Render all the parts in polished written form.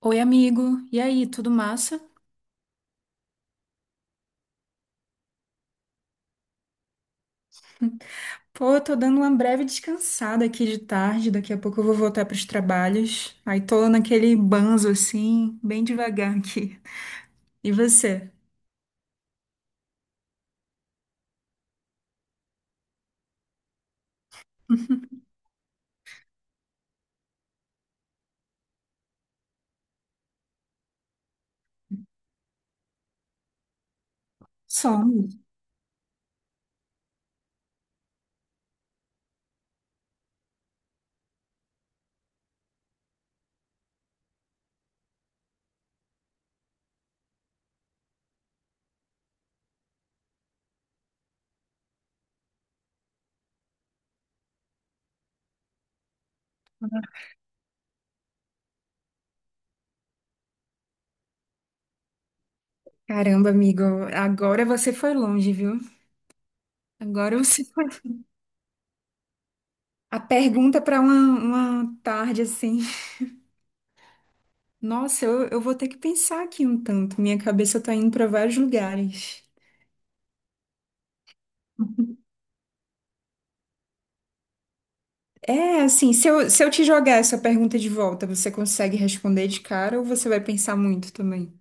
Oi, amigo. E aí, tudo massa? Pô, eu tô dando uma breve descansada aqui de tarde. Daqui a pouco eu vou voltar pros trabalhos. Aí tô naquele banzo assim, bem devagar aqui. E você? Some. Caramba, amigo, agora você foi longe, viu? Agora você foi. A pergunta para uma tarde assim. Nossa, eu vou ter que pensar aqui um tanto. Minha cabeça tá indo para vários lugares. É, assim, se eu te jogar essa pergunta de volta, você consegue responder de cara ou você vai pensar muito também?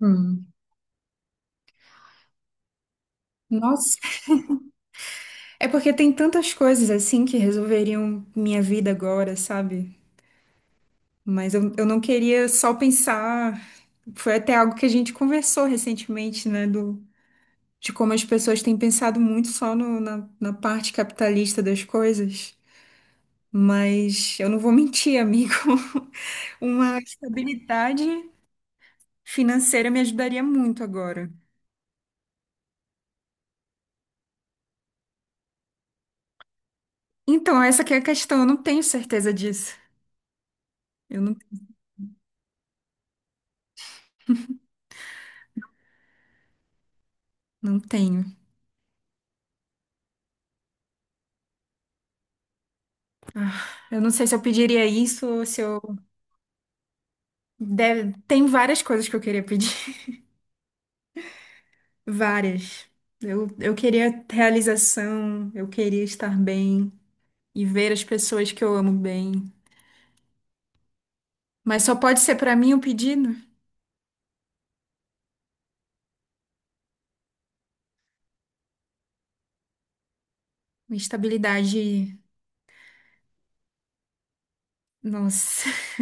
Hum. Nossa, é porque tem tantas coisas assim que resolveriam minha vida agora, sabe? Mas eu não queria só pensar. Foi até algo que a gente conversou recentemente, né? De como as pessoas têm pensado muito só na parte capitalista das coisas. Mas eu não vou mentir, amigo. Uma estabilidade financeira me ajudaria muito agora. Então, essa que é a questão, eu não tenho certeza disso. Eu não, não tenho. Eu não sei se eu pediria isso ou se eu. Deve... Tem várias coisas que eu queria pedir. Várias. Eu queria realização, eu queria estar bem e ver as pessoas que eu amo bem. Mas só pode ser pra mim o pedido? Uma estabilidade. Nossa.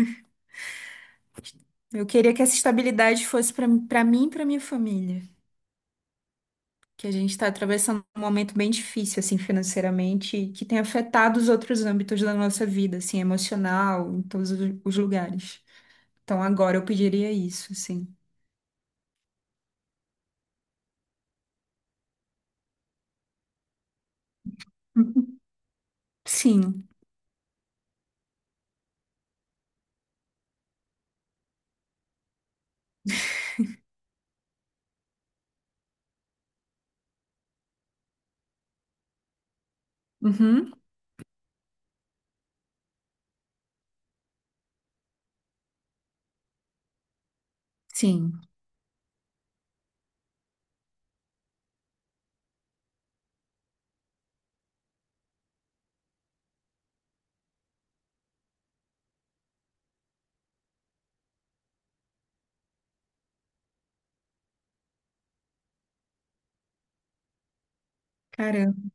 Eu queria que essa estabilidade fosse pra para mim e pra minha família. Que a gente está atravessando um momento bem difícil, assim, financeiramente, e que tem afetado os outros âmbitos da nossa vida, assim, emocional, em todos os lugares. Então, agora eu pediria isso, assim. Sim. Uhum. Sim. Caramba.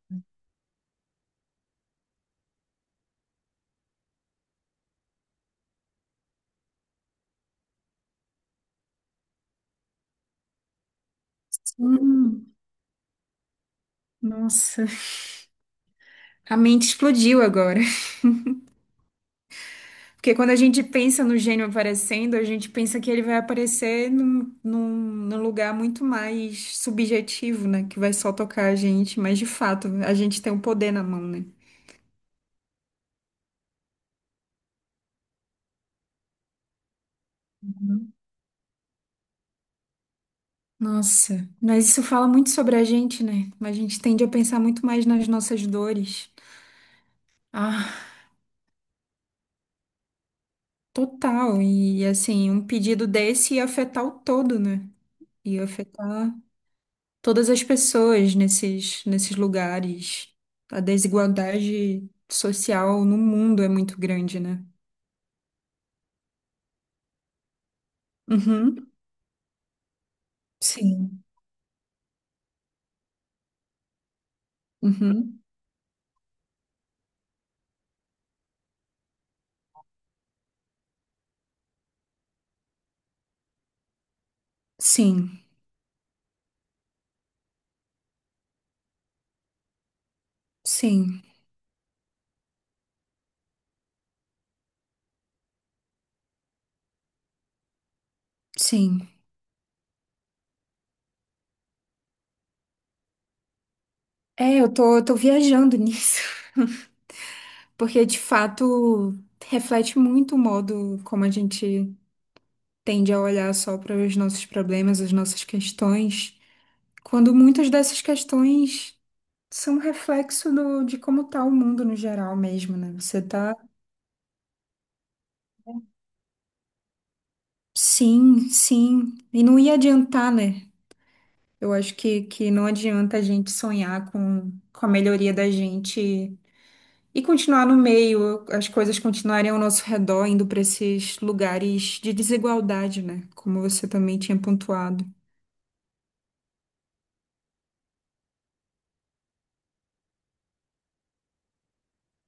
Sim. Nossa. A mente explodiu agora. Porque quando a gente pensa no gênio aparecendo, a gente pensa que ele vai aparecer num lugar muito mais subjetivo, né? Que vai só tocar a gente. Mas, de fato, a gente tem o poder na mão, né? Nossa, mas isso fala muito sobre a gente, né? A gente tende a pensar muito mais nas nossas dores. Ah, total. E assim, um pedido desse ia afetar o todo, né? Ia afetar todas as pessoas nesses lugares. A desigualdade social no mundo é muito grande, né? Uhum. Sim. Uhum. Sim. Sim. Sim. É, eu tô viajando nisso. Porque de fato reflete muito o modo como a gente tende a olhar só para os nossos problemas, as nossas questões, quando muitas dessas questões são reflexo de como está o mundo no geral mesmo, né? Você tá, sim, sim, e não ia adiantar, né? Eu acho que não adianta a gente sonhar com a melhoria da gente e continuar no meio, as coisas continuarem ao nosso redor, indo para esses lugares de desigualdade, né? Como você também tinha pontuado.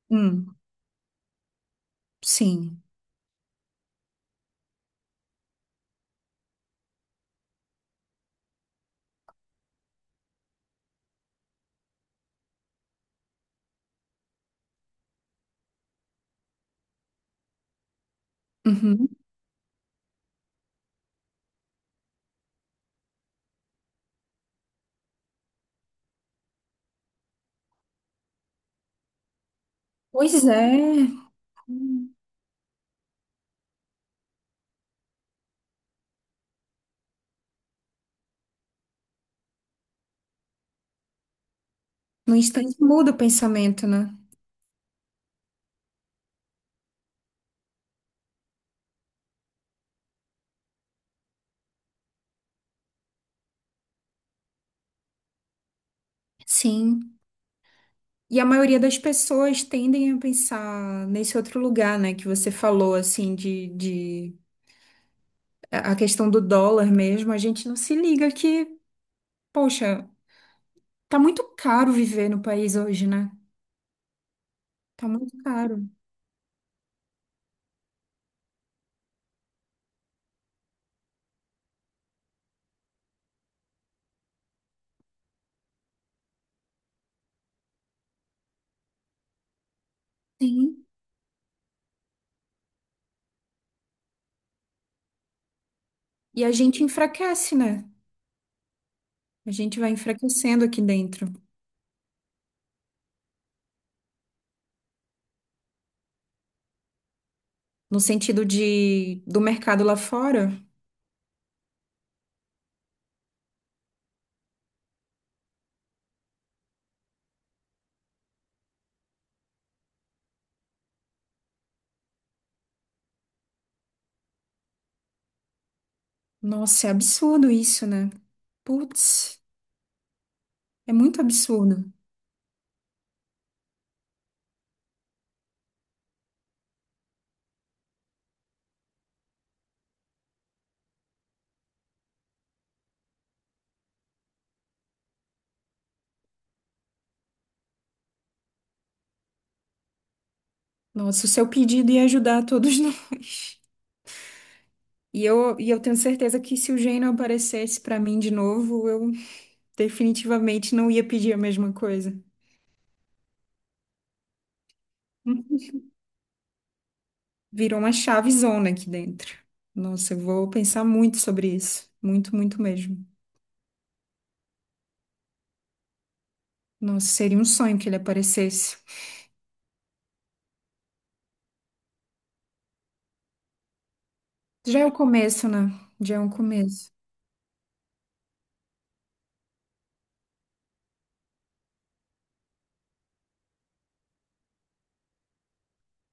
Hum, sim. Uhum. Pois é. Hum. No instante muda o pensamento, né? Sim. E a maioria das pessoas tendem a pensar nesse outro lugar, né? Que você falou, assim, de. A questão do dólar mesmo. A gente não se liga que, poxa, tá muito caro viver no país hoje, né? Tá muito caro. Sim. E a gente enfraquece, né? A gente vai enfraquecendo aqui dentro. No sentido de do mercado lá fora. Nossa, é absurdo isso, né? Putz, é muito absurdo. Nossa, o seu pedido ia ajudar todos nós. E eu tenho certeza que se o Geno aparecesse pra mim de novo, eu definitivamente não ia pedir a mesma coisa. Virou uma chavezona aqui dentro. Nossa, eu vou pensar muito sobre isso. Muito, muito mesmo. Nossa, seria um sonho que ele aparecesse. Já é o começo, né? Já é um começo.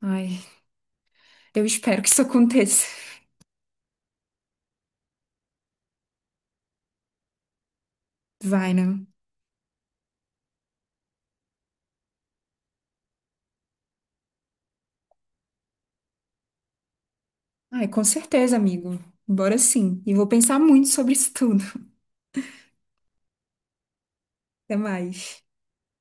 Ai, eu espero que isso aconteça. Vai, né? Ai, com certeza, amigo. Bora sim. E vou pensar muito sobre isso tudo. Até mais.